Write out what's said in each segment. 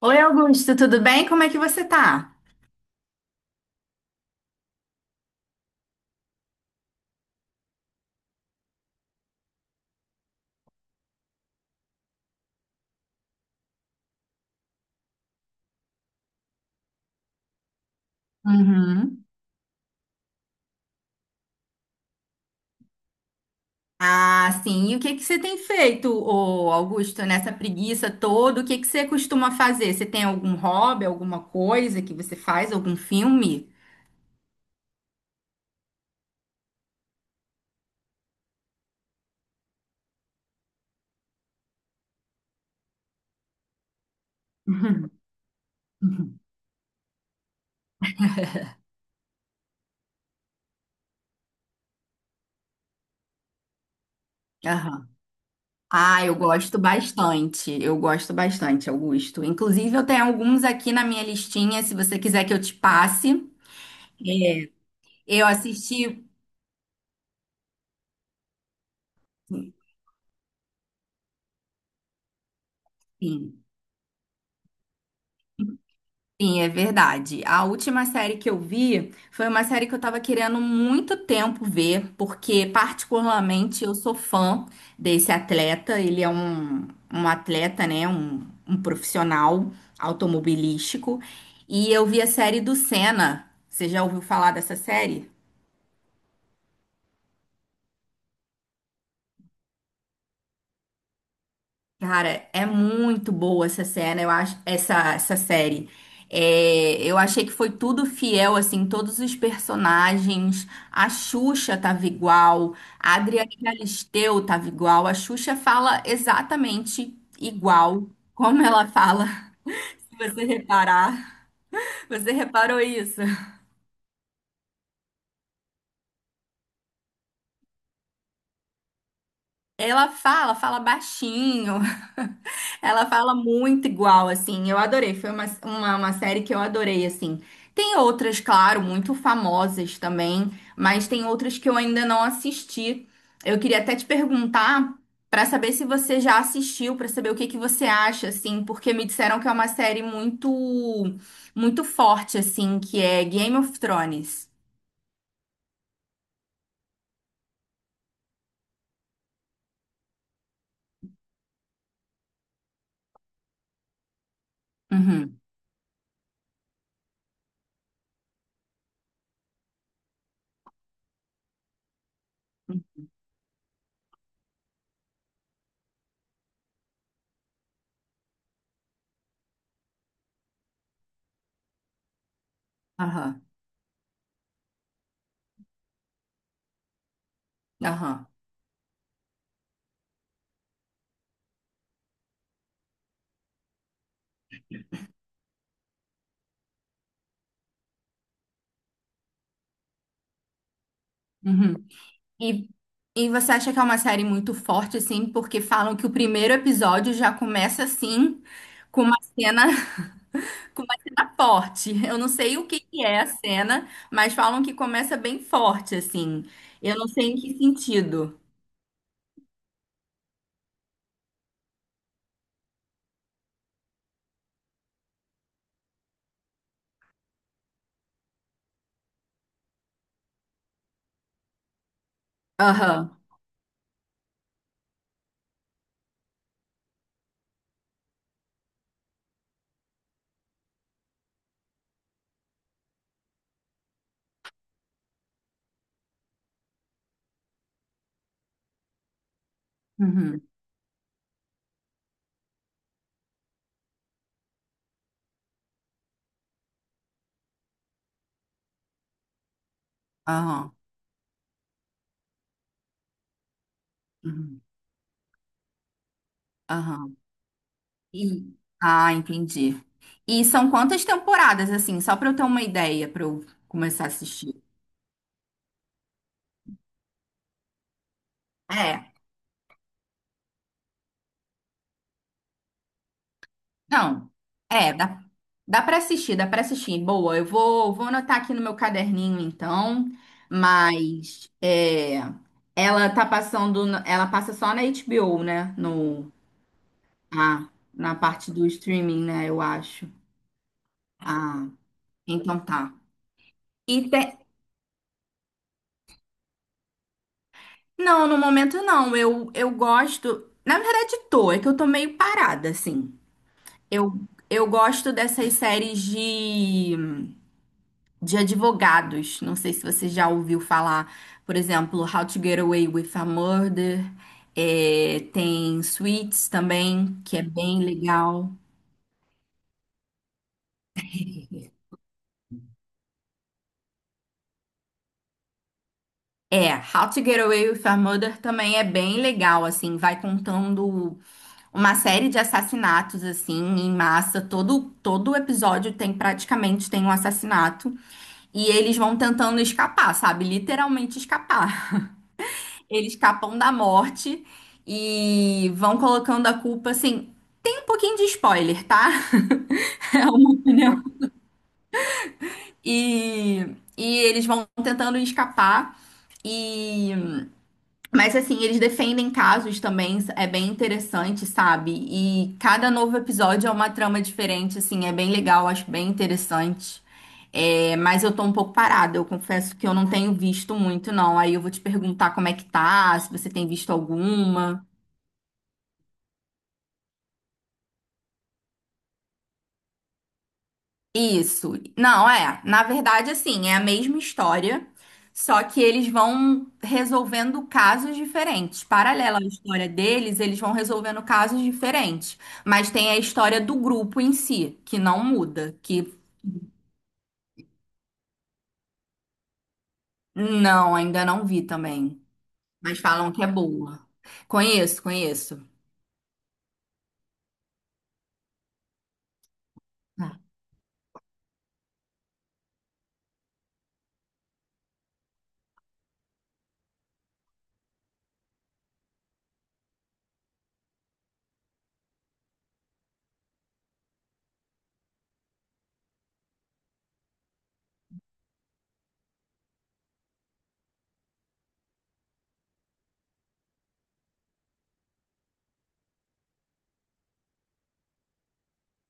Oi, Augusto, tudo bem? Como é que você tá? Uhum. Ah, sim. E o que que você tem feito, ô Augusto, nessa preguiça toda? O que que você costuma fazer? Você tem algum hobby, alguma coisa que você faz, algum filme? Uhum. Uhum. Aham. Ah, eu gosto bastante. Eu gosto bastante, Augusto. Inclusive, eu tenho alguns aqui na minha listinha, se você quiser que eu te passe. É, eu assisti. Sim. Sim, é verdade. A última série que eu vi foi uma série que eu tava querendo muito tempo ver, porque particularmente eu sou fã desse atleta. Ele é um atleta, né? Um profissional automobilístico. E eu vi a série do Senna. Você já ouviu falar dessa série? Cara, é muito boa essa cena, eu acho, essa série. É, eu achei que foi tudo fiel, assim, todos os personagens. A Xuxa tava igual, a Adriana Galisteu tava igual, a Xuxa fala exatamente igual como ela fala, se você reparar. Você reparou isso? Ela fala, fala baixinho. Ela fala muito igual, assim. Eu adorei. Foi uma série que eu adorei, assim. Tem outras, claro, muito famosas também, mas tem outras que eu ainda não assisti. Eu queria até te perguntar pra saber se você já assistiu, pra saber o que que você acha, assim, porque me disseram que é uma série muito, muito forte, assim, que é Game of Thrones. Uhum. Aham. Aham. Uhum. E, e você acha que é uma série muito forte, assim, porque falam que o primeiro episódio já começa assim, com uma cena, com uma cena forte. Eu não sei o que que é a cena, mas falam que começa bem forte, assim. Eu não sei em que sentido. Aham. Uhum. Aham. Uhum. Aham. E... Ah, entendi. E são quantas temporadas, assim, só pra eu ter uma ideia, pra eu começar a assistir? É. Não, é, dá, dá para assistir, dá para assistir. Boa, eu vou, vou anotar aqui no meu caderninho então, mas é, ela tá passando, no- ela passa só na HBO, né? No, ah, na parte do streaming, né? Eu acho. Ah, então tá. E te- não, no momento não. Eu gosto, na verdade tô, é que eu tô meio parada assim. Eu, eu gosto dessas séries de advogados. Não sei se você já ouviu falar, por exemplo, How to Get Away with a Murder. É, tem Suits também, que é bem legal. É, How to Get Away with a Murder também é bem legal, assim, vai contando uma série de assassinatos, assim, em massa. Todo, todo episódio tem, praticamente, tem um assassinato. E eles vão tentando escapar, sabe? Literalmente escapar. Eles escapam da morte e vão colocando a culpa assim. Tem um pouquinho de spoiler, tá? É uma opinião. E, e eles vão tentando escapar. E, mas assim, eles defendem casos também, é bem interessante, sabe? E cada novo episódio é uma trama diferente, assim, é bem legal, acho bem interessante. É, mas eu tô um pouco parada, eu confesso que eu não tenho visto muito, não. Aí eu vou te perguntar como é que tá, se você tem visto alguma. Isso. Não, é. Na verdade, assim, é a mesma história, só que eles vão resolvendo casos diferentes. Paralela à história deles, eles vão resolvendo casos diferentes. Mas tem a história do grupo em si, que não muda, que não, ainda não vi também. Mas falam que é boa. Conheço, conheço. Ah.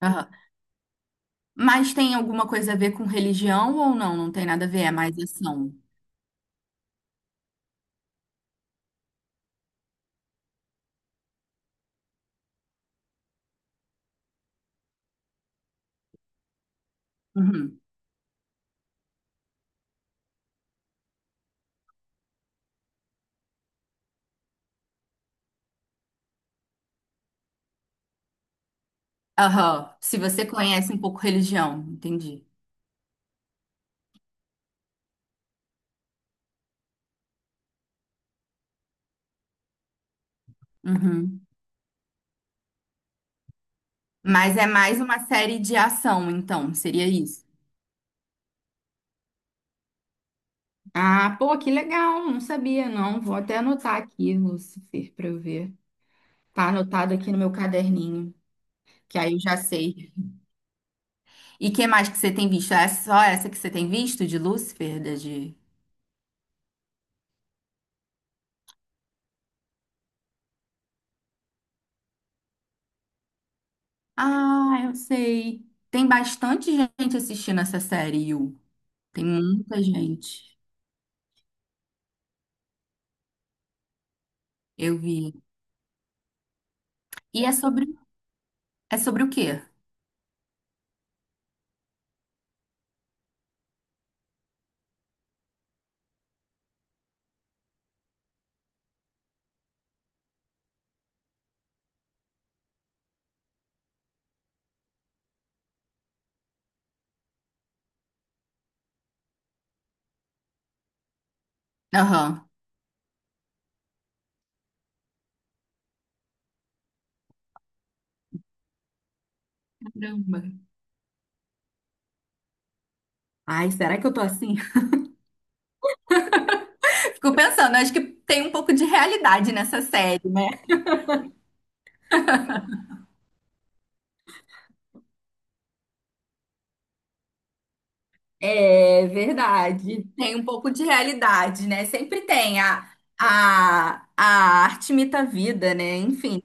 Aham. Mas tem alguma coisa a ver com religião ou não? Não tem nada a ver, é mais ação. Uhum. Aham. Se você conhece um pouco religião, entendi. Uhum. Mas é mais uma série de ação, então, seria isso. Ah, pô, que legal. Não sabia, não. Vou até anotar aqui, Lucifer, para eu ver. Tá anotado aqui no meu caderninho, que aí eu já sei. E que mais que você tem visto? É só essa que você tem visto de Lucifer, da de... Ah, eu sei. Tem bastante gente assistindo essa série, Yu. Tem muita gente. Eu vi. E é sobre o quê? Aham. Caramba. Ai, será que eu tô assim? Fico pensando, acho que tem um pouco de realidade nessa série. É verdade. Tem um pouco de realidade, né? Sempre tem. A arte imita a vida, né? Enfim,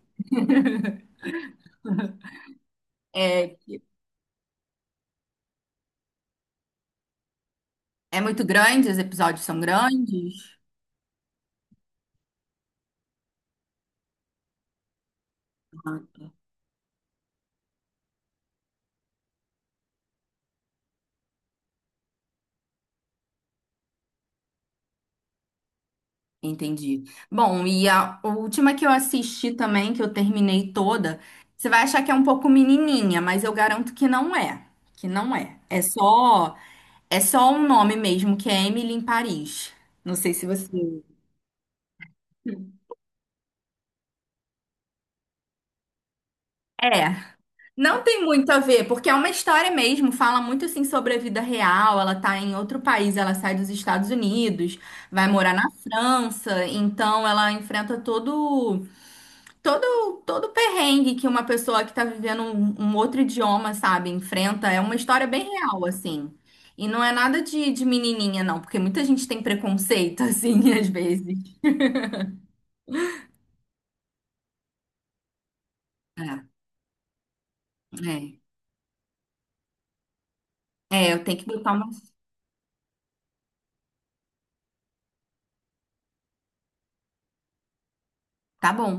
é, é muito grande, os episódios são grandes. Ah, entendi. Bom, e a última que eu assisti também, que eu terminei toda, você vai achar que é um pouco menininha, mas eu garanto que não é. Que não é. É só um nome mesmo, que é Emily em Paris. Não sei se você é. Não tem muito a ver, porque é uma história mesmo, fala muito assim sobre a vida real. Ela tá em outro país, ela sai dos Estados Unidos, vai morar na França, então ela enfrenta todo o perrengue que uma pessoa que tá vivendo um outro idioma, sabe, enfrenta. É uma história bem real assim. E não é nada de, de menininha não, porque muita gente tem preconceito assim às vezes. É, é. É, eu tenho que botar uma tá bom.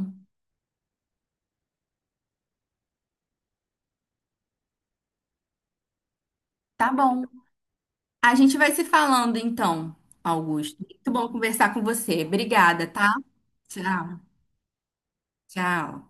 Tá bom. A gente vai se falando então, Augusto. Muito bom conversar com você. Obrigada, tá? Tchau, tchau.